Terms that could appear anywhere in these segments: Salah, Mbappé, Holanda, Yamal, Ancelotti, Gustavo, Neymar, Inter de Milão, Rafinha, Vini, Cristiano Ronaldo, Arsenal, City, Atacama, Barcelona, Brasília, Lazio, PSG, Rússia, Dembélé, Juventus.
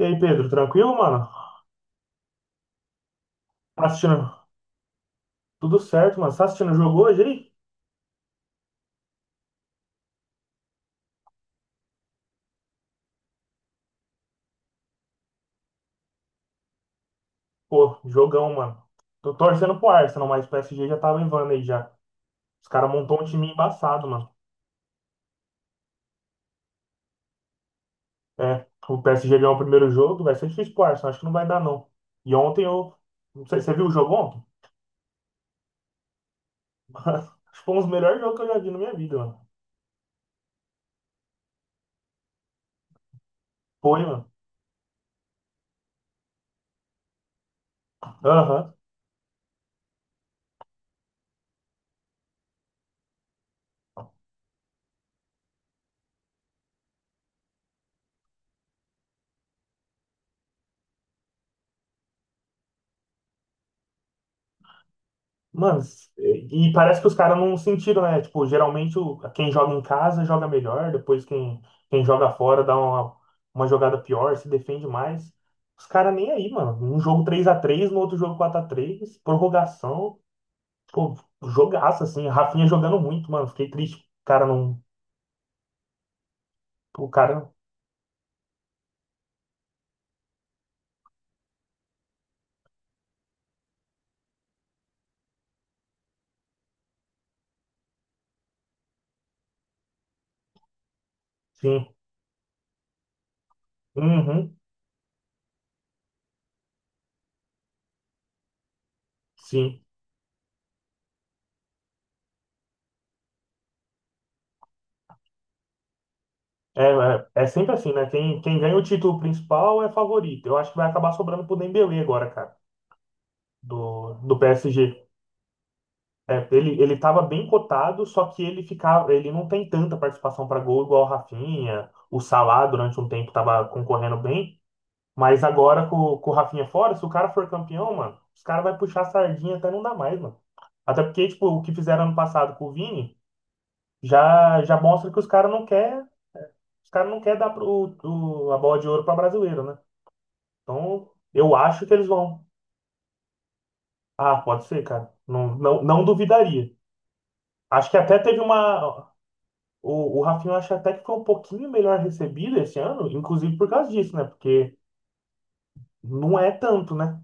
E aí, Pedro, tranquilo, mano? Tá assistindo? Tudo certo, mano? Tá assistindo o jogo hoje aí? Pô, jogão, mano. Tô torcendo pro Arsenal, mas o PSG já tava em vana aí já. Os caras montou um time embaçado, mano. É, o PSG ganhou o primeiro jogo, vai ser difícil pro Arsenal, acho que não vai dar não. E ontem eu. Não sei, você viu o jogo ontem? Acho que foi um dos melhores jogos que eu já vi na minha vida, mano. Foi, mano. Aham. Mano, e parece que os caras não sentiram, né? Tipo, geralmente quem joga em casa joga melhor, depois quem joga fora dá uma jogada pior, se defende mais. Os caras nem aí, mano. Um jogo 3-3 no outro jogo 4-3 prorrogação. Pô, jogaço, assim. Rafinha jogando muito, mano. Fiquei triste. O cara não. O cara. Sim. Uhum. Sim. É sempre assim, né? Quem ganha o título principal é favorito. Eu acho que vai acabar sobrando pro Dembélé agora, cara. Do PSG. É, ele estava bem cotado, só que ele ficava, ele não tem tanta participação para gol igual o Rafinha. O Salah durante um tempo estava concorrendo bem, mas agora com o Rafinha fora, se o cara for campeão, mano, os caras vai puxar a sardinha até não dá mais, mano. Até porque, tipo, o que fizeram ano passado com o Vini já mostra que os caras não quer, os cara não quer dar a bola de ouro para brasileiro, né? Então, eu acho que eles vão. Ah, pode ser, cara. Não, não, não duvidaria. Acho que até teve uma. O Rafinha eu acho até que foi um pouquinho melhor recebido esse ano, inclusive por causa disso, né? Porque não é tanto, né?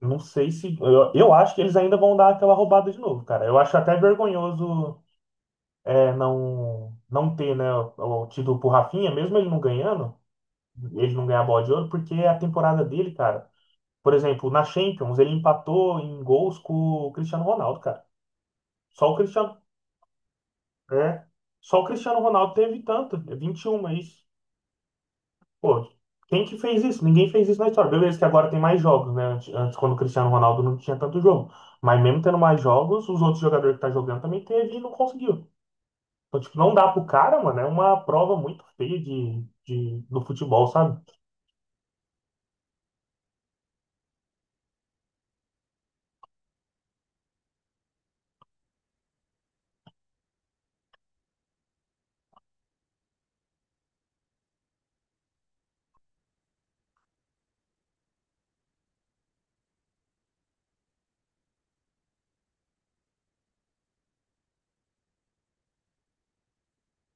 Não sei se. Eu acho que eles ainda vão dar aquela roubada de novo, cara. Eu acho até vergonhoso não ter, né, o título pro Rafinha, mesmo ele não ganhando, ele não ganhar a bola de ouro, porque é a temporada dele, cara. Por exemplo, na Champions, ele empatou em gols com o Cristiano Ronaldo, cara. Só o Cristiano. É. Só o Cristiano Ronaldo teve tanto, é 21 é isso. Pô, quem que fez isso? Ninguém fez isso na história. Beleza que agora tem mais jogos, né? Antes, quando o Cristiano Ronaldo não tinha tanto jogo. Mas mesmo tendo mais jogos, os outros jogadores que tá jogando também teve e não conseguiu. Então, tipo, não dá pro cara, mano. É uma prova muito feia do futebol, sabe?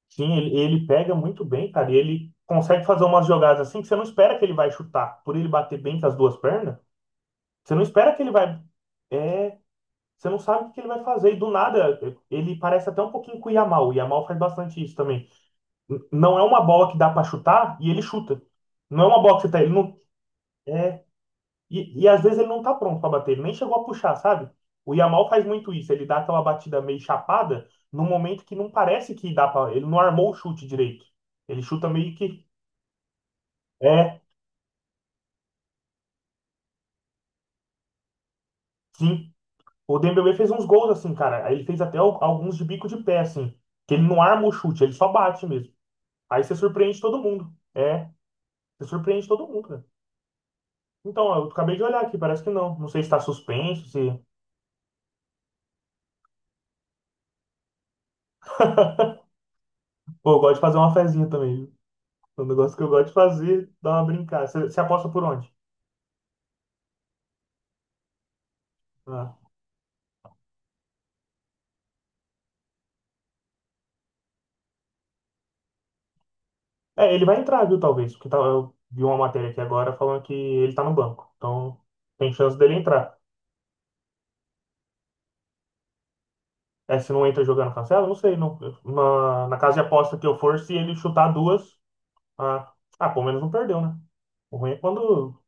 Sim, ele pega muito bem, cara. E ele consegue fazer umas jogadas assim que você não espera que ele vai chutar. Por ele bater bem com as duas pernas, você não espera que ele vai... É, você não sabe o que ele vai fazer. E do nada, ele parece até um pouquinho com o Yamal. O Yamal faz bastante isso também não é uma bola que dá pra chutar e ele chuta. Não é uma bola que você tá, ele não é e às vezes ele não tá pronto pra bater, ele nem chegou a puxar, sabe? O Yamal faz muito isso, ele dá aquela batida meio chapada num momento que não parece que dá pra. Ele não armou o chute direito. Ele chuta meio que é, sim. O Dembélé fez uns gols assim, cara. Ele fez até alguns de bico de pé assim, que ele não arma o chute, ele só bate mesmo. Aí você surpreende todo mundo. É, você surpreende todo mundo, cara. Então, eu acabei de olhar aqui, parece que não. Não sei se tá suspenso, se Pô, eu gosto de fazer uma fezinha também. Viu? É um negócio que eu gosto de fazer, dar uma brincada. Você aposta por onde? Ah. É, ele vai entrar, viu, talvez. Porque eu vi uma matéria aqui agora falando que ele tá no banco. Então, tem chance dele entrar. É, se não entra jogando cancela, não sei. Não, na casa de aposta que eu for, se ele chutar duas, ah, ah, pelo menos não perdeu, né? O ruim é quando.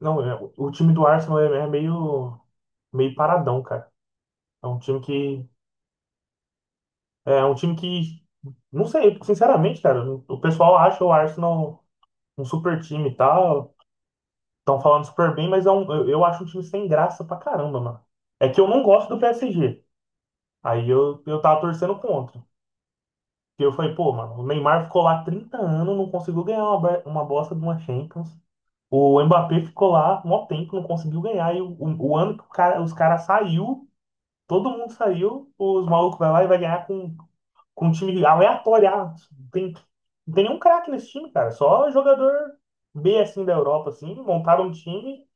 Não, é, o time do Arsenal é meio paradão, cara. É um time que É um time que, não sei, sinceramente, cara, o pessoal acha o Arsenal um super time e tal, estão falando super bem, mas eu acho um time sem graça pra caramba, mano. É que eu não gosto do PSG, aí eu tava torcendo contra. E eu falei, pô, mano, o Neymar ficou lá 30 anos, não conseguiu ganhar uma bosta de uma Champions. O Mbappé ficou lá mó tempo, não conseguiu ganhar. E o ano que os caras saiu, todo mundo saiu, os malucos vai lá e vai ganhar com um time aleatório. Ah, não tem nenhum craque nesse time, cara. Só jogador B assim da Europa, assim, montaram um time.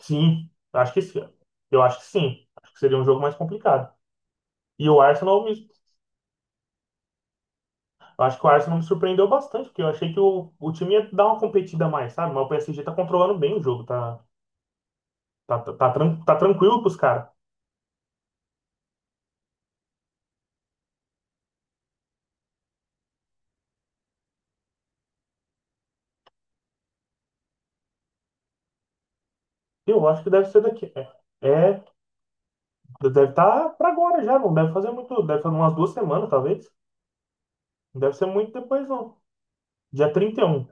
Sim, acho que sim. Eu acho que sim. Acho que seria um jogo mais complicado. E o Arsenal, eu acho que o Arsenal me surpreendeu bastante, porque eu achei que o time ia dar uma competida a mais, sabe? Mas o PSG tá controlando bem o jogo, tá tranquilo pros caras. Eu acho que deve ser daqui. É, deve estar pra agora já, não deve fazer muito, deve fazer umas 2 semanas, talvez. Não deve ser muito depois, não. Dia 31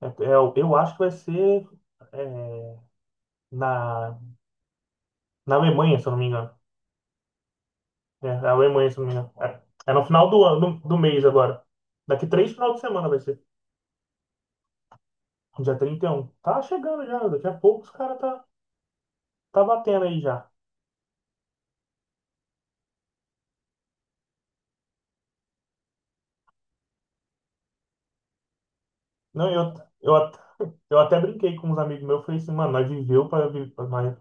Eu acho que vai ser é, na, na Alemanha, se eu não me engano. É, na Alemanha, se eu não me engano. É no final do mês agora. Daqui 3 final de semana vai ser. Dia 31 Tá chegando já, daqui a pouco os caras tá batendo aí já. Não, eu, Eu até brinquei com uns amigos meus, falei assim, mano, nós viveu para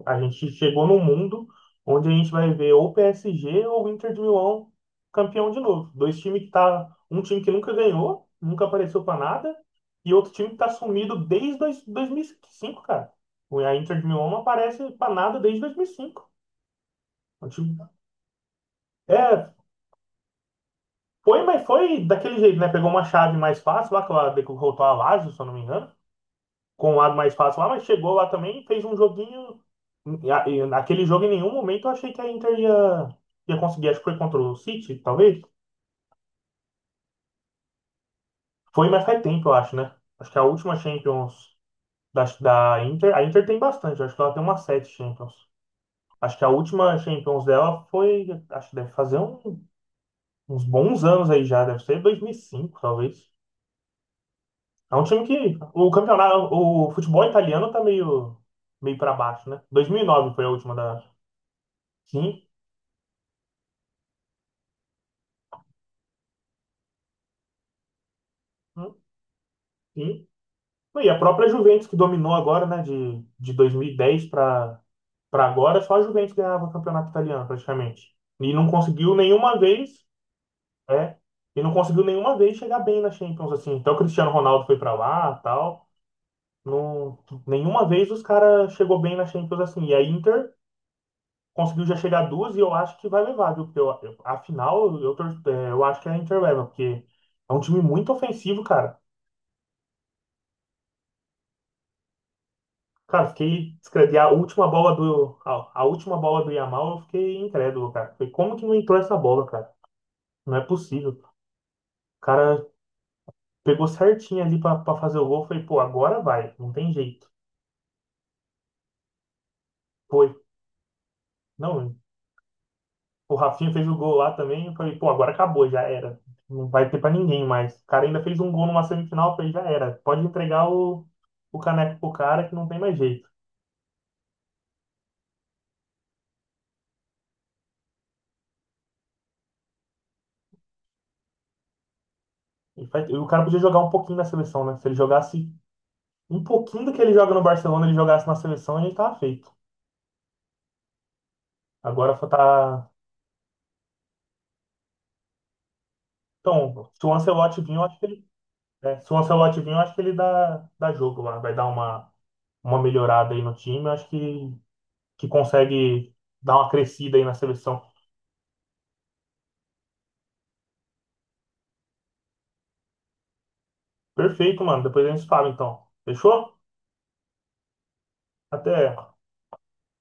a gente chegou num mundo onde a gente vai ver ou PSG ou Inter de Milão campeão de novo. Dois times que tá, um time que nunca ganhou, nunca apareceu para nada, e outro time que tá sumido desde 2005, cara. A Inter de Milão não aparece para nada desde 2005. O time- É, foi, mas foi daquele jeito, né? Pegou uma chave mais fácil lá, que ela derrotou a Lazio, se eu não me engano, com o lado mais fácil lá, mas chegou lá também, fez um joguinho. E naquele jogo, em nenhum momento, eu achei que a Inter ia conseguir. Acho que foi contra o City, talvez. Foi, mas faz tempo, eu acho, né? Acho que é a última Champions da Inter. A Inter tem bastante, eu acho que ela tem umas sete Champions. Acho que a última Champions dela foi. Acho que deve fazer uns bons anos aí já, deve ser 2005 talvez. É um time que. O campeonato. O futebol italiano tá meio, para baixo, né? 2009 foi a última da. Sim. Sim. E a própria Juventus que dominou agora, né, de 2010 para agora, só a Juventus ganhava o campeonato italiano praticamente. E não conseguiu nenhuma vez, é, e não conseguiu nenhuma vez chegar bem na Champions assim. Então o Cristiano Ronaldo foi para lá, tal, não nenhuma vez os caras chegou bem na Champions assim. E a Inter conseguiu já chegar duas e eu acho que vai levar, viu? Porque afinal eu acho que a Inter leva, porque é um time muito ofensivo, cara. Cara, fiquei. E a última bola do. A última bola do Yamal, eu fiquei incrédulo, cara. Falei, como que não entrou essa bola, cara? Não é possível. O cara pegou certinho ali pra fazer o gol. Falei, pô, agora vai. Não tem jeito. Foi. Não, o Rafinha fez o gol lá também. Eu falei, pô, agora acabou, já era. Não vai ter pra ninguém mais. O cara ainda fez um gol numa semifinal. Eu falei, já era. Pode entregar o caneco pro cara que não tem mais jeito. E o cara podia jogar um pouquinho na seleção, né? Se ele jogasse um pouquinho do que ele joga no Barcelona, ele jogasse na seleção, ele tava feito. Agora só tá. Então, se o Ancelotti vir, eu acho que ele. Se o Ancelotti vir, eu acho que ele dá jogo lá. Vai dar uma melhorada aí no time. Eu acho que consegue dar uma crescida aí na seleção. Perfeito, mano. Depois a gente fala, então. Fechou? Até.